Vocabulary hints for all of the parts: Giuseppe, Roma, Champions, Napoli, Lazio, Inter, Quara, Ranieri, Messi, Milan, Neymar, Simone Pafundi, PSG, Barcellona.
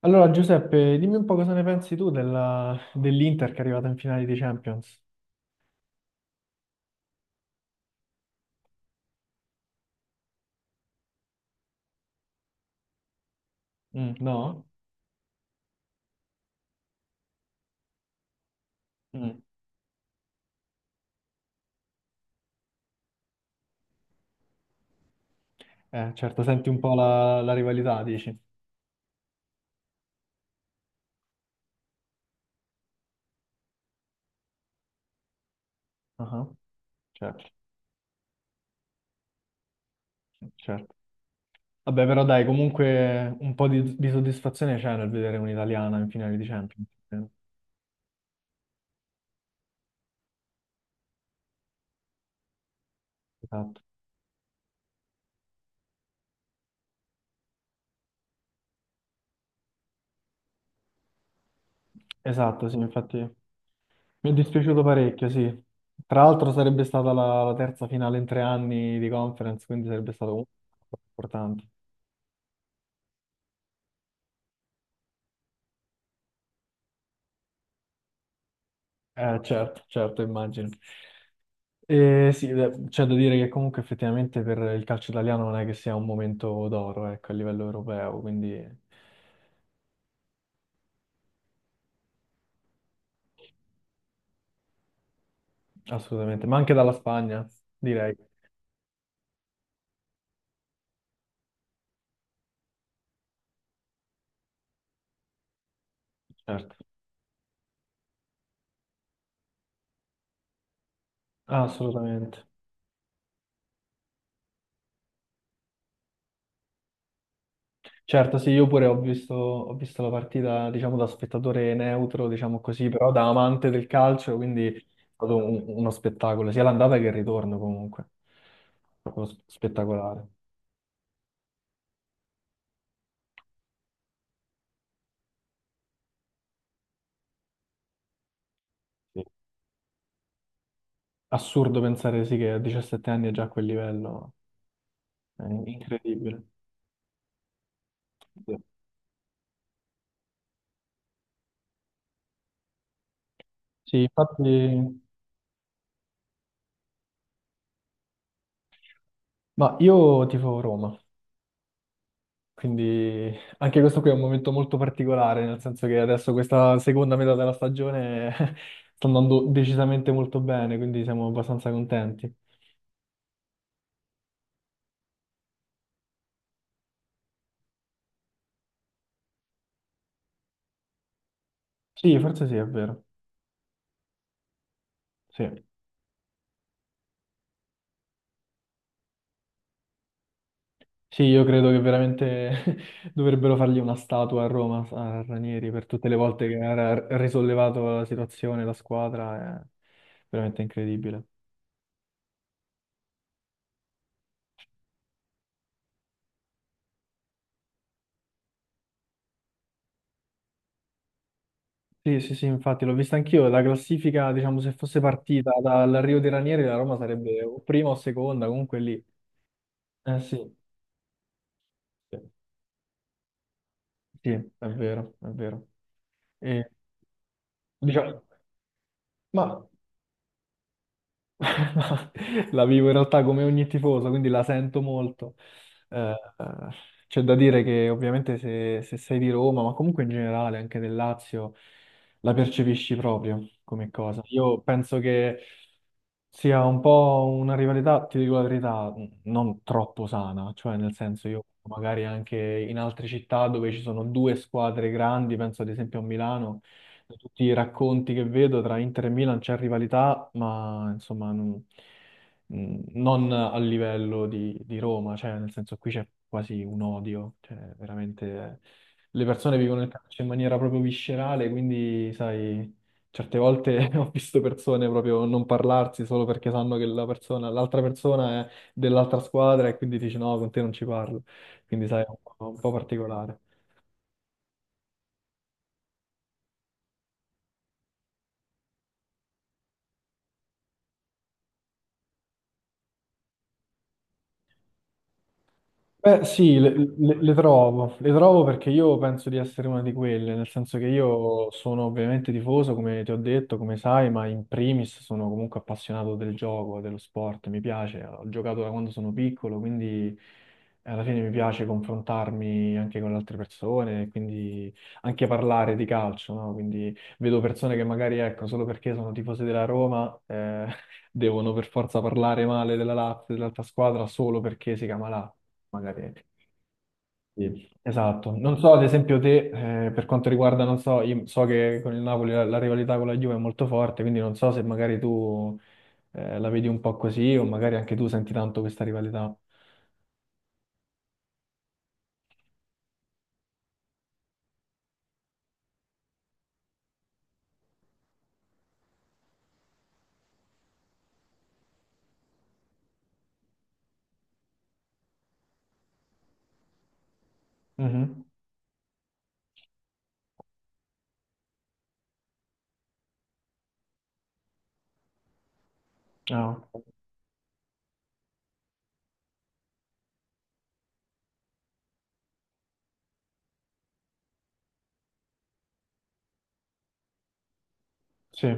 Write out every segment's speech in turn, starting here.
Allora, Giuseppe, dimmi un po' cosa ne pensi tu dell'Inter che è arrivata in finale di Champions. Mm, no? Mm. Certo, senti un po' la rivalità, dici. Ah, certo, certo. Vabbè, però dai, comunque un po' di soddisfazione c'è nel vedere un'italiana in finale di Champions. Esatto. Esatto, sì, infatti mi è dispiaciuto parecchio, sì. Tra l'altro sarebbe stata la terza finale in tre anni di conference, quindi sarebbe stato comunque importante. Certo, certo, immagino. E sì, beh, c'è da dire che comunque effettivamente per il calcio italiano non è che sia un momento d'oro, ecco, a livello europeo, quindi assolutamente, ma anche dalla Spagna, direi, certo, assolutamente. Certo, sì, io pure ho visto la partita, diciamo, da spettatore neutro, diciamo così, però da amante del calcio, quindi è stato uno spettacolo, sia l'andata che il ritorno comunque, proprio spettacolare. Sì. Assurdo pensare sì che a 17 anni è già a quel livello, è incredibile. Sì. Sì, infatti, ma io tifo Roma, quindi anche questo qui è un momento molto particolare, nel senso che adesso questa seconda metà della stagione sta andando decisamente molto bene, quindi siamo abbastanza contenti. Sì, forse sì, è vero. Sì. Sì, io credo che veramente dovrebbero fargli una statua a Roma, a Ranieri, per tutte le volte che ha risollevato la situazione, la squadra, è veramente incredibile. Sì, sì, infatti l'ho vista anch'io, la classifica, diciamo, se fosse partita dall'arrivo di Ranieri, la Roma sarebbe o prima o seconda, comunque lì. Eh sì, sì, sì, è vero, è vero. E, diciamo, ma la vivo in realtà come ogni tifoso, quindi la sento molto. Eh, eh, c'è da dire che ovviamente se sei di Roma, ma comunque in generale anche del Lazio, la percepisci proprio come cosa. Io penso che sia un po' una rivalità, ti dico la verità, non troppo sana, cioè nel senso io magari anche in altre città dove ci sono due squadre grandi, penso ad esempio a Milano, da tutti i racconti che vedo tra Inter e Milan c'è rivalità, ma insomma non, non a livello di Roma, cioè nel senso qui c'è quasi un odio, cioè veramente le persone vivono il calcio in maniera proprio viscerale, quindi sai, certe volte ho visto persone proprio non parlarsi solo perché sanno che la persona, l'altra persona è dell'altra squadra e quindi dici no, con te non ci parlo, quindi sai, è un po' particolare. Beh, sì, le trovo perché io penso di essere una di quelle, nel senso che io sono ovviamente tifoso, come ti ho detto, come sai, ma in primis sono comunque appassionato del gioco, dello sport, mi piace, ho giocato da quando sono piccolo, quindi alla fine mi piace confrontarmi anche con le altre persone, quindi anche parlare di calcio, no? Quindi vedo persone che magari, ecco, solo perché sono tifose della Roma, devono per forza parlare male della Lazio, dell'altra squadra, solo perché si chiama Lazio, magari. Sì. Esatto. Non so, ad esempio, te, per quanto riguarda, non so, io so che con il Napoli la rivalità con la Juve è molto forte, quindi non so se magari tu la vedi un po' così o magari anche tu senti tanto questa rivalità. Mhm. Ah, sì,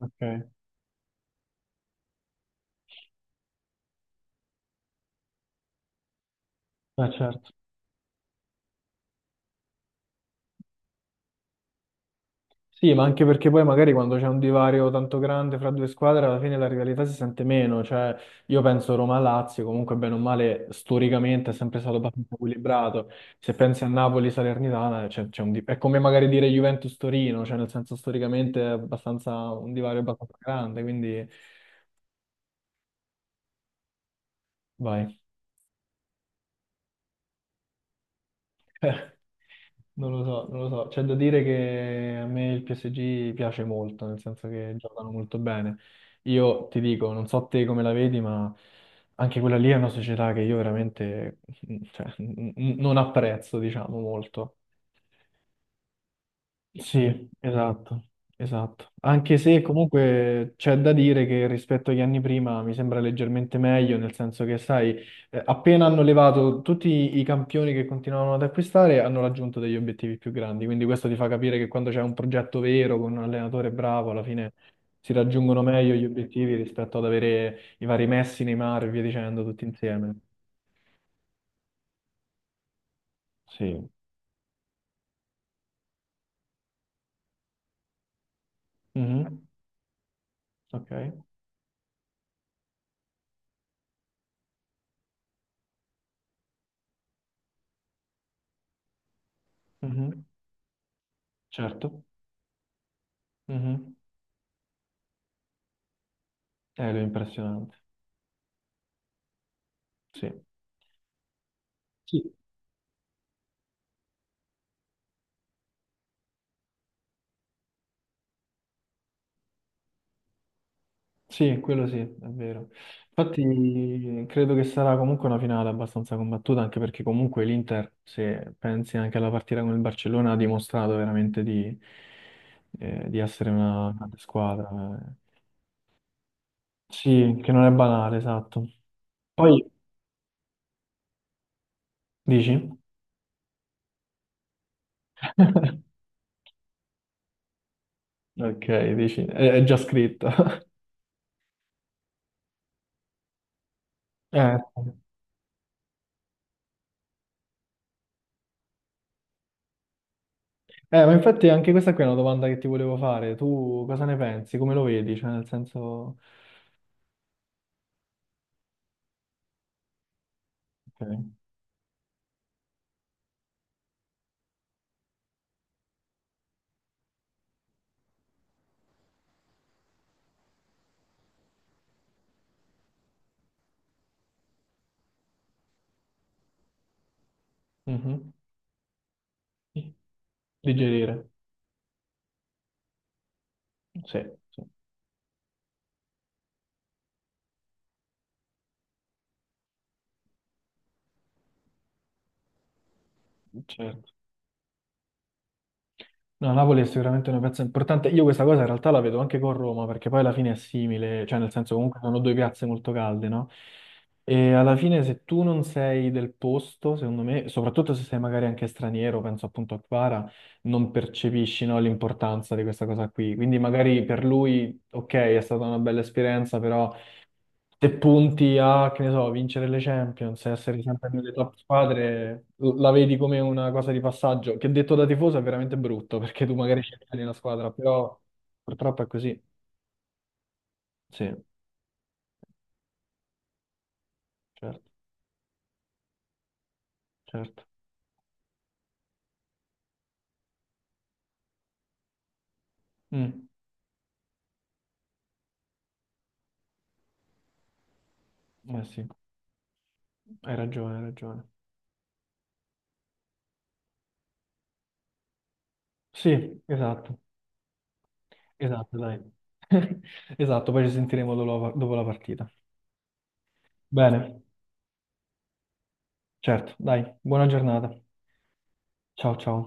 ok. Certo. Sì, ma anche perché poi magari quando c'è un divario tanto grande fra due squadre, alla fine la rivalità si sente meno. Cioè, io penso Roma-Lazio, comunque bene o male, storicamente è sempre stato abbastanza equilibrato. Se pensi a Napoli-Salernitana, c'è è come magari dire Juventus-Torino, cioè nel senso storicamente è abbastanza un divario abbastanza grande, quindi vai. Non lo so, non lo so. C'è da dire che a me il PSG piace molto, nel senso che giocano molto bene. Io ti dico, non so te come la vedi, ma anche quella lì è una società che io veramente, cioè, non apprezzo, diciamo, molto. Sì, esatto, esatto. Anche se comunque c'è da dire che rispetto agli anni prima mi sembra leggermente meglio, nel senso che, sai, appena hanno levato tutti i campioni che continuavano ad acquistare, hanno raggiunto degli obiettivi più grandi. Quindi questo ti fa capire che quando c'è un progetto vero, con un allenatore bravo, alla fine si raggiungono meglio gli obiettivi rispetto ad avere i vari Messi, Neymar e via dicendo tutti insieme. Sì. Mhm. Ok. Mhm. Certo. Mhm. Lui è impressionante. Sì, sì. Sì, quello sì, è vero. Infatti credo che sarà comunque una finale abbastanza combattuta, anche perché comunque l'Inter, se pensi anche alla partita con il Barcellona, ha dimostrato veramente di essere una grande squadra. Eh. Sì, che non è banale, esatto. Poi dici? Ok, dici, è già scritto. Eh, eh, ma infatti anche questa qui è una domanda che ti volevo fare. Tu cosa ne pensi? Come lo vedi? Cioè, nel senso... Ok. Mhm. Digerire, sì, sì, certo. No, Napoli è sicuramente una piazza importante. Io questa cosa in realtà la vedo anche con Roma, perché poi alla fine è simile, cioè nel senso comunque sono due piazze molto calde, no? E alla fine se tu non sei del posto, secondo me, soprattutto se sei magari anche straniero, penso appunto a Quara, non percepisci, no, l'importanza di questa cosa qui. Quindi magari per lui, ok, è stata una bella esperienza, però... se punti a, che ne so, vincere le Champions, essere sempre nelle top squadre, la vedi come una cosa di passaggio, che detto da tifoso è veramente brutto, perché tu magari scegli una squadra, però purtroppo è così. Sì, certo, certo. Mm, eh sì, hai ragione, hai ragione. Sì, esatto, esatto, dai. Esatto, poi ci sentiremo dopo la partita. Bene, certo, dai, buona giornata. Ciao, ciao.